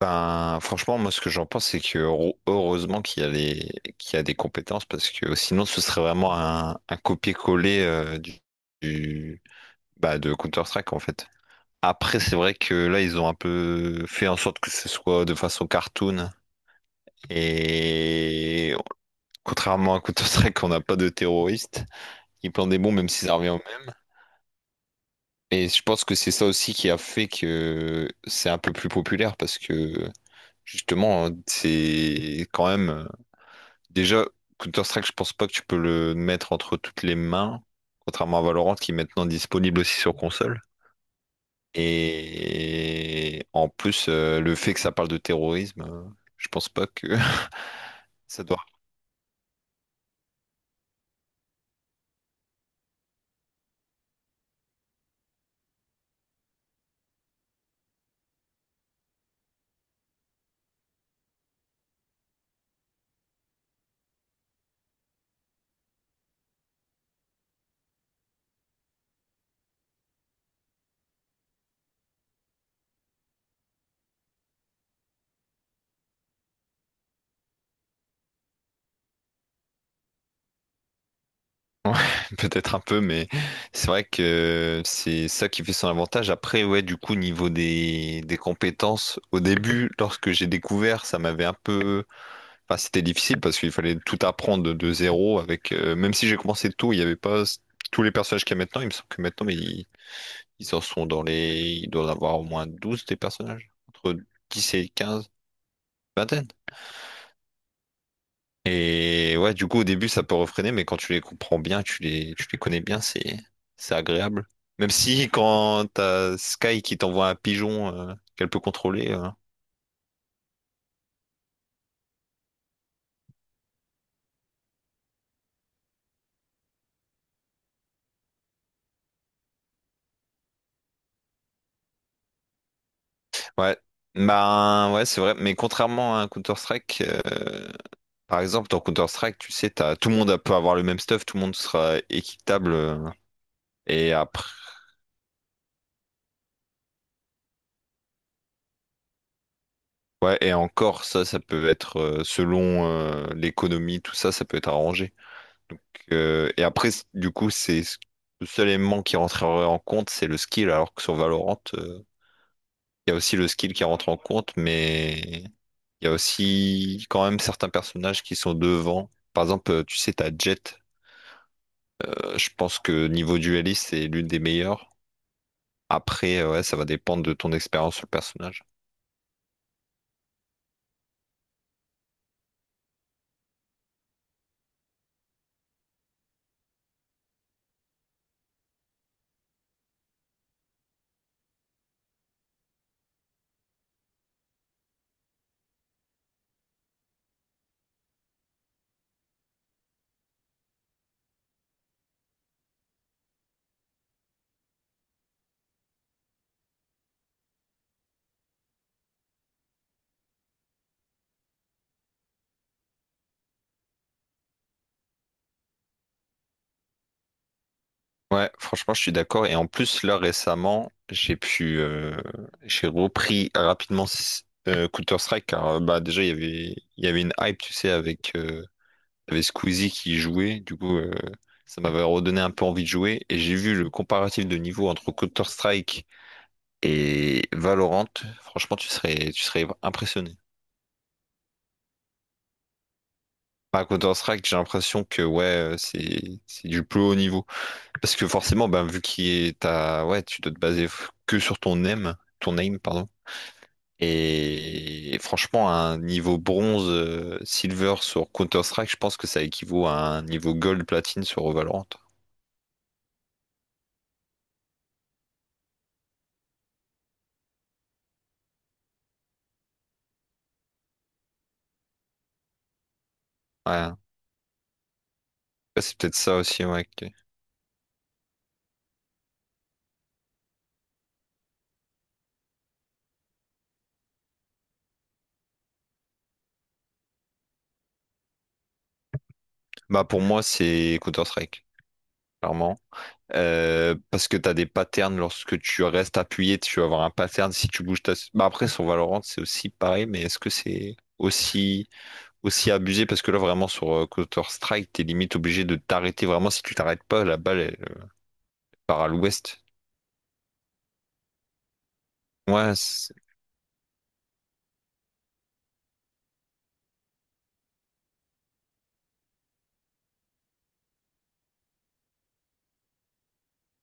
Ben, franchement, moi, ce que j'en pense, c'est que heureusement qu'il y a des compétences parce que sinon, ce serait vraiment un copier-coller du- bah, de Counter-Strike en fait. Après, c'est vrai que là, ils ont un peu fait en sorte que ce soit de façon cartoon et contrairement à Counter-Strike, on n'a pas de terroristes. Ils plantent des bombes, même si ça revient au même. Et je pense que c'est ça aussi qui a fait que c'est un peu plus populaire parce que justement, c'est quand même. Déjà, Counter-Strike, je pense pas que tu peux le mettre entre toutes les mains, contrairement à Valorant qui est maintenant disponible aussi sur console. Et en plus, le fait que ça parle de terrorisme, je pense pas que ça doit. Ouais, peut-être un peu, mais c'est vrai que c'est ça qui fait son avantage. Après, ouais, du coup, niveau des compétences, au début, lorsque j'ai découvert, ça m'avait un peu. Enfin, c'était difficile parce qu'il fallait tout apprendre de zéro avec même si j'ai commencé tôt, il n'y avait pas tous les personnages qu'il y a maintenant. Il me semble que maintenant ils en sont dans les. Ils doivent avoir au moins 12 des personnages. Entre 10 et 15 vingtaine. Et ouais, du coup au début ça peut refréner, mais quand tu les comprends bien, tu les connais bien, c'est agréable. Même si quand t'as Sky qui t'envoie un pigeon qu'elle peut contrôler. Ouais. Ben ouais, c'est vrai. Mais contrairement à un Counter-Strike. Par exemple, dans Counter-Strike, tu sais, t'as, tout le monde peut avoir le même stuff, tout le monde sera équitable. Et après, ouais, et encore, ça peut être selon l'économie, tout ça, ça peut être arrangé. Donc, et après, du coup, le seul élément qui rentrerait en compte, c'est le skill. Alors que sur Valorant, il y a aussi le skill qui rentre en compte, mais il y a aussi quand même certains personnages qui sont devant. Par exemple, tu sais, t'as Jett. Je pense que niveau dueliste, c'est l'une des meilleures. Après, ouais, ça va dépendre de ton expérience sur le personnage. Ouais, franchement, je suis d'accord. Et en plus, là, récemment, j'ai repris rapidement Counter-Strike, car bah, déjà, il y avait une hype, tu sais, avec, il y avait Squeezie qui y jouait. Du coup, ça m'avait redonné un peu envie de jouer. Et j'ai vu le comparatif de niveau entre Counter-Strike et Valorant. Franchement, tu serais impressionné. À Counter-Strike, j'ai l'impression que, ouais, c'est du plus haut niveau. Parce que forcément, ben, vu qu'il est à... Ouais, tu dois te baser que sur ton aim, pardon. Et franchement, un niveau bronze, silver sur Counter-Strike, je pense que ça équivaut à un niveau gold, platine sur Valorant. Ouais. Ouais, c'est peut-être ça aussi, ouais. Bah, pour moi, c'est Counter-Strike, clairement. Parce que tu as des patterns lorsque tu restes appuyé, tu vas avoir un pattern si tu bouges. Bah après, sur Valorant, c'est aussi pareil, mais est-ce que c'est aussi, aussi abusé? Parce que là, vraiment, sur Counter-Strike, t'es limite obligé de t'arrêter. Vraiment, si tu t'arrêtes pas, la balle, elle part à l'ouest. Ouais,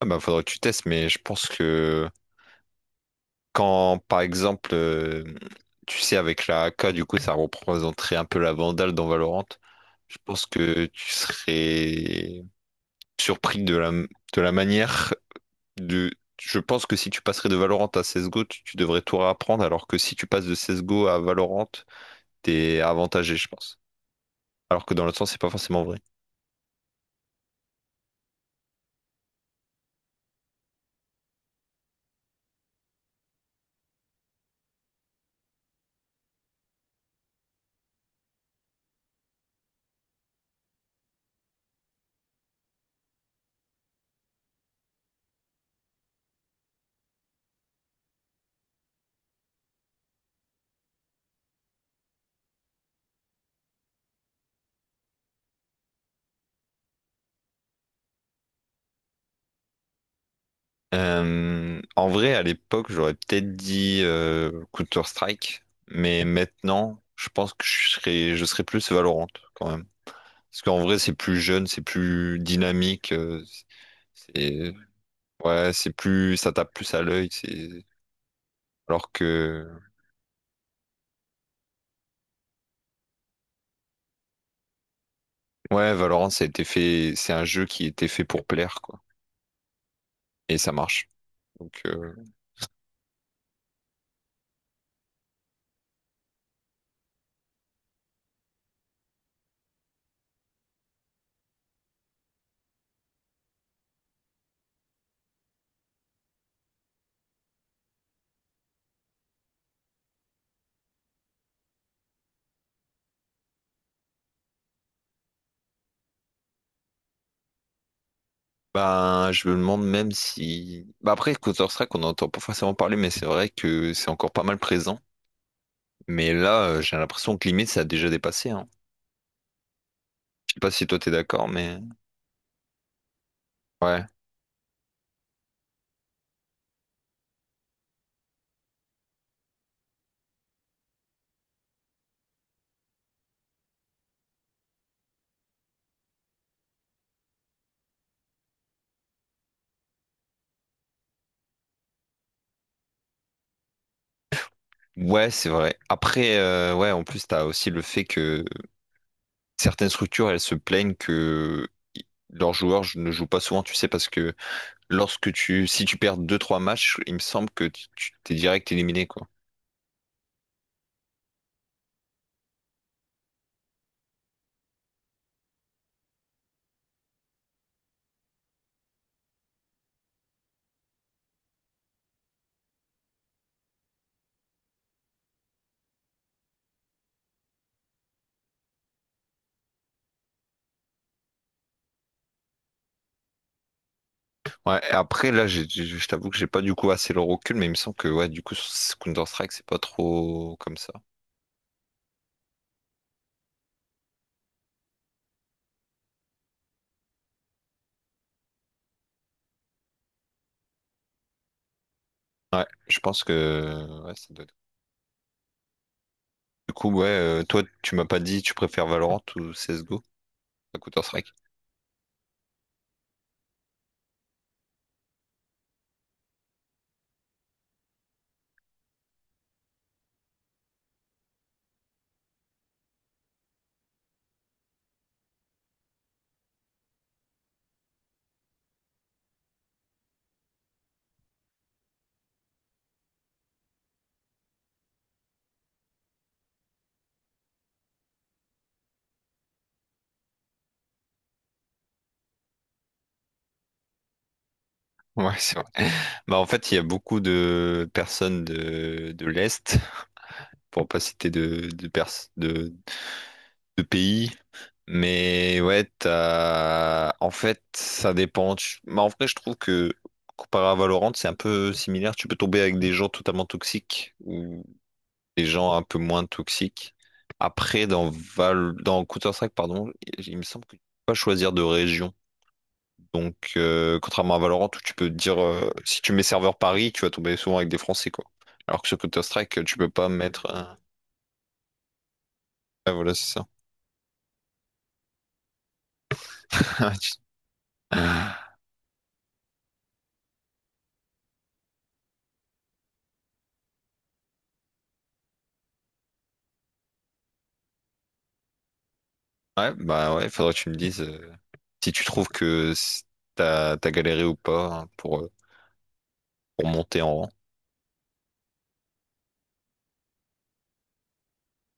ah bah, faudrait que tu testes, mais je pense que quand, par exemple, tu sais, avec la AK, du coup, ça représenterait un peu la Vandale dans Valorant. Je pense que tu serais surpris de la manière de- Je pense que si tu passerais de Valorant à CSGO, tu devrais tout réapprendre, alors que si tu passes de CSGO à Valorant, t'es avantagé, je pense. Alors que dans l'autre sens, c'est pas forcément vrai. En vrai, à l'époque, j'aurais peut-être dit Counter-Strike, mais maintenant, je pense que je serais plus Valorant quand même. Parce qu'en vrai, c'est plus jeune, c'est plus dynamique, c'est ouais, c'est plus, ça tape plus à l'œil, c'est alors que Ouais, Valorant, ça a été fait, c'est un jeu qui était fait pour plaire, quoi. Et ça marche. Donc, ben, je me demande même si. Bah après, Counter-Strike, on n'entend pas forcément parler, mais c'est vrai que c'est encore pas mal présent. Mais là, j'ai l'impression que limite, ça a déjà dépassé, hein. Je sais pas si toi t'es d'accord, mais. Ouais. Ouais, c'est vrai. Après, ouais, en plus, t'as aussi le fait que certaines structures, elles se plaignent que i- leurs joueurs ne jouent pas souvent, tu sais, parce que lorsque tu. Si tu perds deux trois matchs, il me semble que t'es direct éliminé, quoi. Ouais, et après, là, je t'avoue que j'ai pas du coup assez le recul, mais il me semble que, ouais, du coup, sur Counter-Strike, c'est pas trop comme ça. Ouais, je pense que, ouais, ça doit être. Du coup, ouais, toi, tu m'as pas dit, tu préfères Valorant ou CSGO à Counter-Strike? Ouais, c'est vrai. Bah, en fait, il y a beaucoup de personnes de l'Est, pour pas citer de pays. Mais ouais, en fait, ça dépend. Mais en vrai, je trouve que comparé à Valorant, c'est un peu similaire. Tu peux tomber avec des gens totalement toxiques ou des gens un peu moins toxiques. Après, dans Counter-Strike, pardon, il me semble que tu peux pas choisir de région. Donc, contrairement à Valorant, où tu peux dire, si tu mets serveur Paris, tu vas tomber souvent avec des Français, quoi. Alors que sur Counter-Strike, tu peux pas mettre. Ouais, voilà, c'est ça. Ouais, bah ouais, faudrait que tu me dises. Si tu trouves que t'as galéré ou pas hein, pour monter en rang.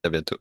À bientôt.